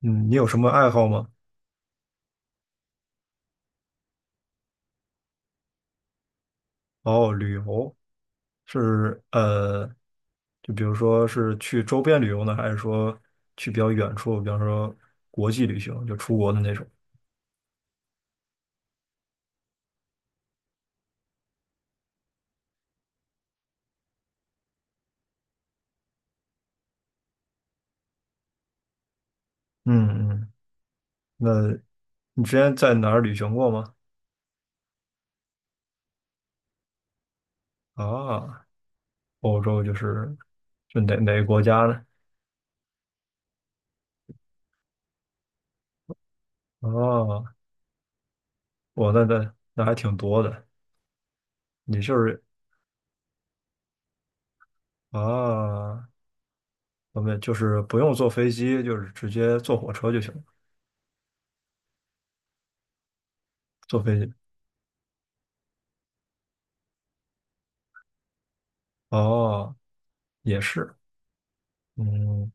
嗯，你有什么爱好吗？哦，旅游是就比如说是去周边旅游呢，还是说去比较远处，比方说国际旅行，就出国的那种？嗯嗯，那你之前在哪儿旅行过吗？啊，欧洲就是哪个国家呢？哦，我那那那还挺多的。你就是。啊，我们就是不用坐飞机，就是直接坐火车就行了，坐飞机。哦，也是。嗯，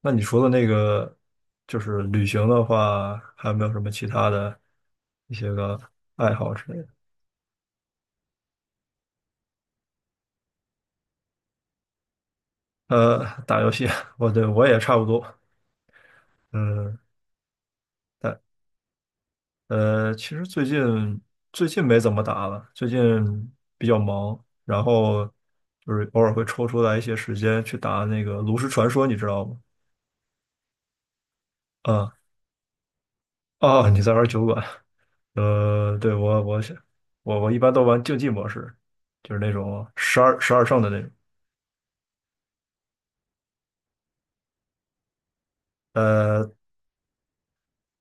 那你除了那个，就是旅行的话，还有没有什么其他的一些个爱好之类的？打游戏，对,我也差不多。嗯，但其实最近没怎么打了，最近比较忙，然后就是偶尔会抽出来一些时间去打那个炉石传说，你知道吗？啊、哦，你在玩酒馆？对，我一般都玩竞技模式。就是那种十二胜的那种。呃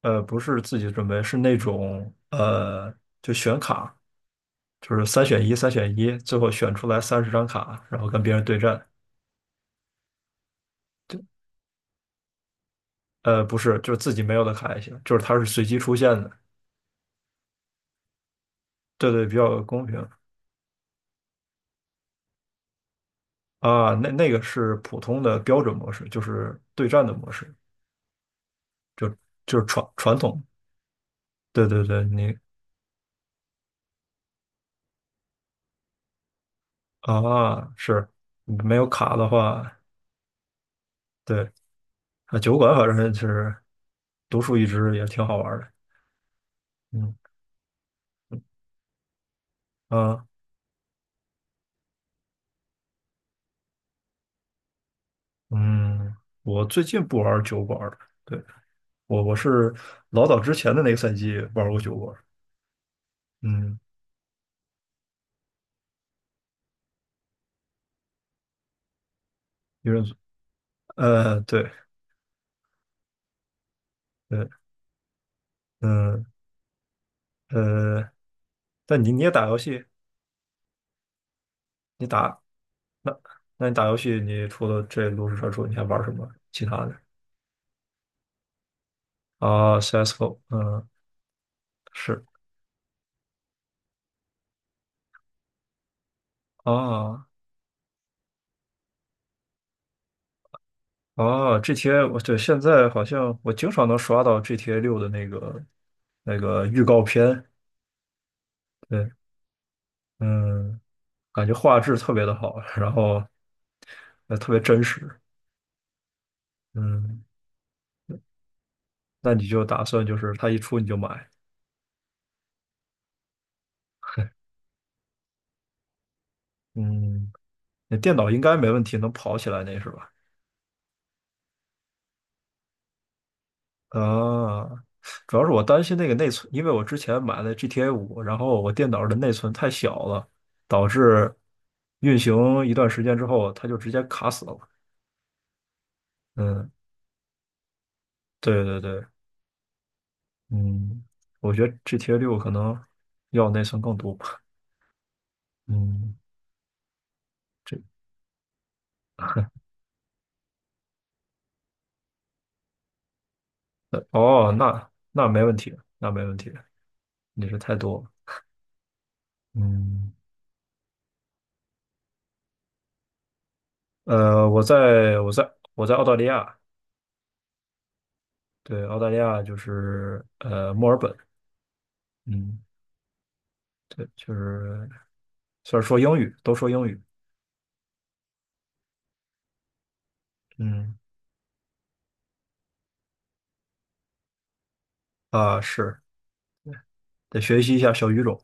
不是自己准备，是那种就选卡，就是三选一，三选一，最后选出来30张卡，然后跟别人对战。对，不是，就是自己没有的卡也行，就是它是随机出现的。对对，比较公平啊。那个是普通的标准模式，就是对战的模式，就是传统。对对对，啊,是没有卡的话，对啊，酒馆反正就是独树一帜，也挺好玩的。嗯啊。嗯，我最近不玩酒馆二了。对，我是老早之前的那个赛季玩过酒馆二。嗯，因为对对，嗯呃，但你也打游戏，你打那那你打游戏，你除了这炉石传说，你还玩什么其他的？啊，CS:GO，嗯，是啊啊，GTA，对,现在好像我经常能刷到 GTA 六的那个预告片。对，嗯。感觉画质特别的好，然后特别真实。嗯，那你就打算就是它一出你就买？嗯，那电脑应该没问题，能跑起来那是吧？啊，主要是我担心那个内存，因为我之前买了 GTA 5，然后我电脑的内存太小了，导致运行一段时间之后，它就直接卡死了。嗯，对对对，嗯，我觉得 GTA 六可能要内存更多吧。嗯。哦，那没问题，那没问题，你是太多了。嗯，我在澳大利亚，对，澳大利亚就是墨尔本，嗯，对，就是虽然说英语，都说英语，嗯啊是得学习一下小语种，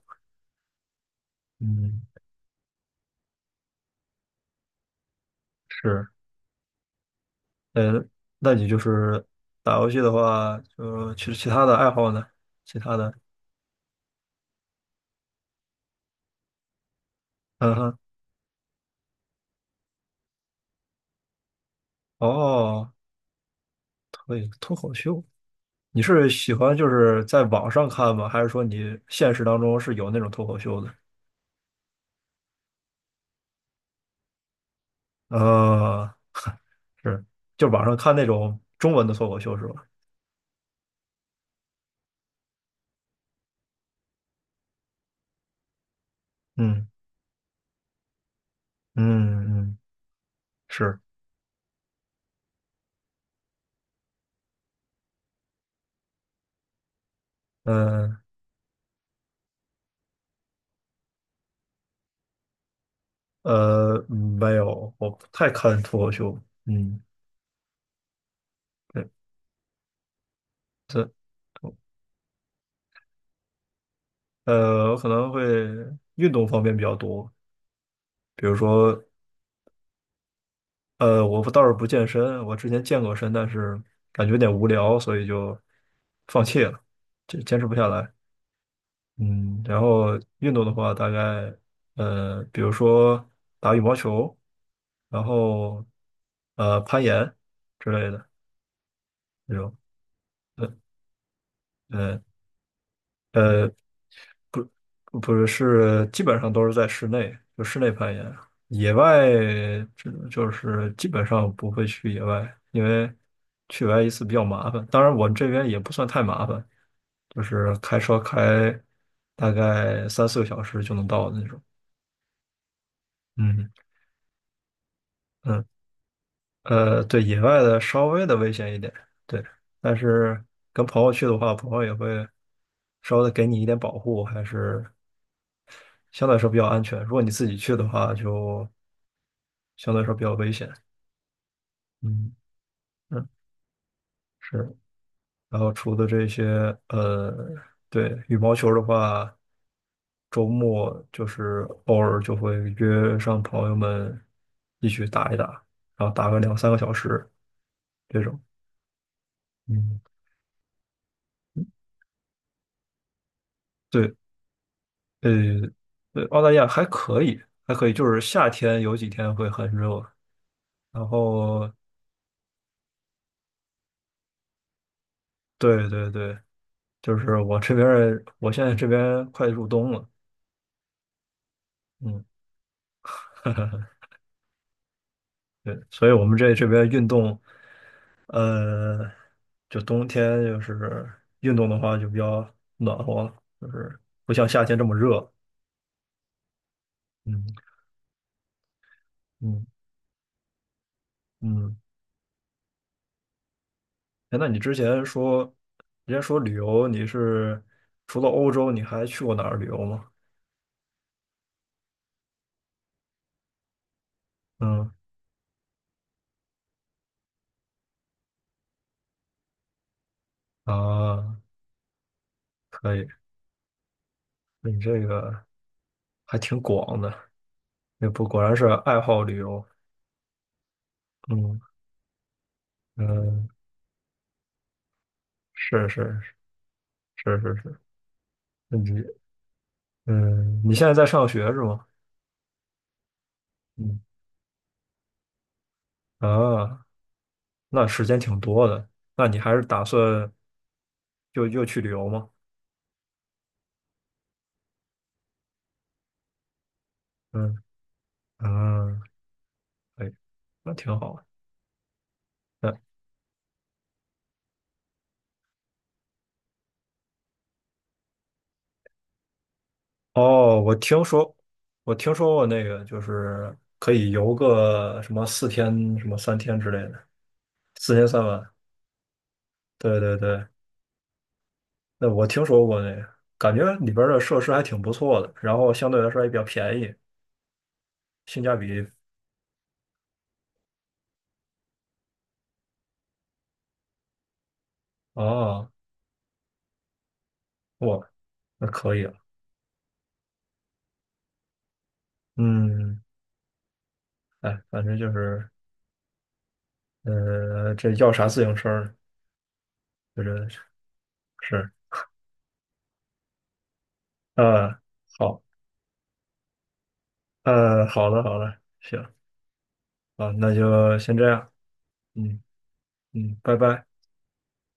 嗯是，呃，那你就是打游戏的话，就其实其他的爱好呢？其他的，嗯哼，哦，脱口秀，你是喜欢就是在网上看吗？还是说你现实当中是有那种脱口秀的？呃，是，就网上看那种中文的脱口秀是吧？嗯嗯嗯，是，嗯嗯没有，我不太看脱口秀。嗯，对，这我可能会运动方面比较多，比如说我不倒是不健身，我之前健过身，但是感觉有点无聊，所以就放弃了，这坚持不下来。嗯，然后运动的话，大概比如说打羽毛球，然后攀岩之类的那种，嗯呃，不是，是基本上都是在室内，就室内攀岩，野外这就是基本上不会去野外，因为去野外一次比较麻烦。当然，我这边也不算太麻烦，就是开车开大概三四个小时就能到的那种。嗯。嗯，对，野外的稍微的危险一点，对，但是跟朋友去的话，朋友也会稍微的给你一点保护，还是相对来说比较安全。如果你自己去的话，就相对来说比较危险。嗯嗯，是。然后除了这些，呃，对，羽毛球的话，周末就是偶尔就会约上朋友们一起打一打，然后打个两三个小时这种。嗯。对，呃澳大利亚还可以，还可以，就是夏天有几天会很热，然后对对对，就是我现在这边快入冬了，嗯，对，所以我们这边运动，呃，就冬天就是运动的话就比较暖和了，就是不像夏天这么热，嗯嗯嗯，哎，那你之前说，人家说旅游，你是除了欧洲，你还去过哪儿旅游吗？嗯。啊，可以，你这个还挺广的，也不果然是爱好旅游。嗯嗯，是是是是是，那你嗯，你现在在上学是吗？嗯啊，那时间挺多的，那你还是打算就又去旅游吗？嗯嗯，可以，那挺好。嗯哦，我听说我听说过那个，就是可以游个什么四天、什么3天之类的，4天3晚。对对对，那我听说过那个，感觉里边儿的设施还挺不错的，然后相对来说也比较便宜，性价比哦，哇，那可以了。嗯，哎，反正就是，这要啥自行车呢？就是是，嗯，好，嗯，好的，好的，行，啊，那就先这样，嗯嗯，拜拜。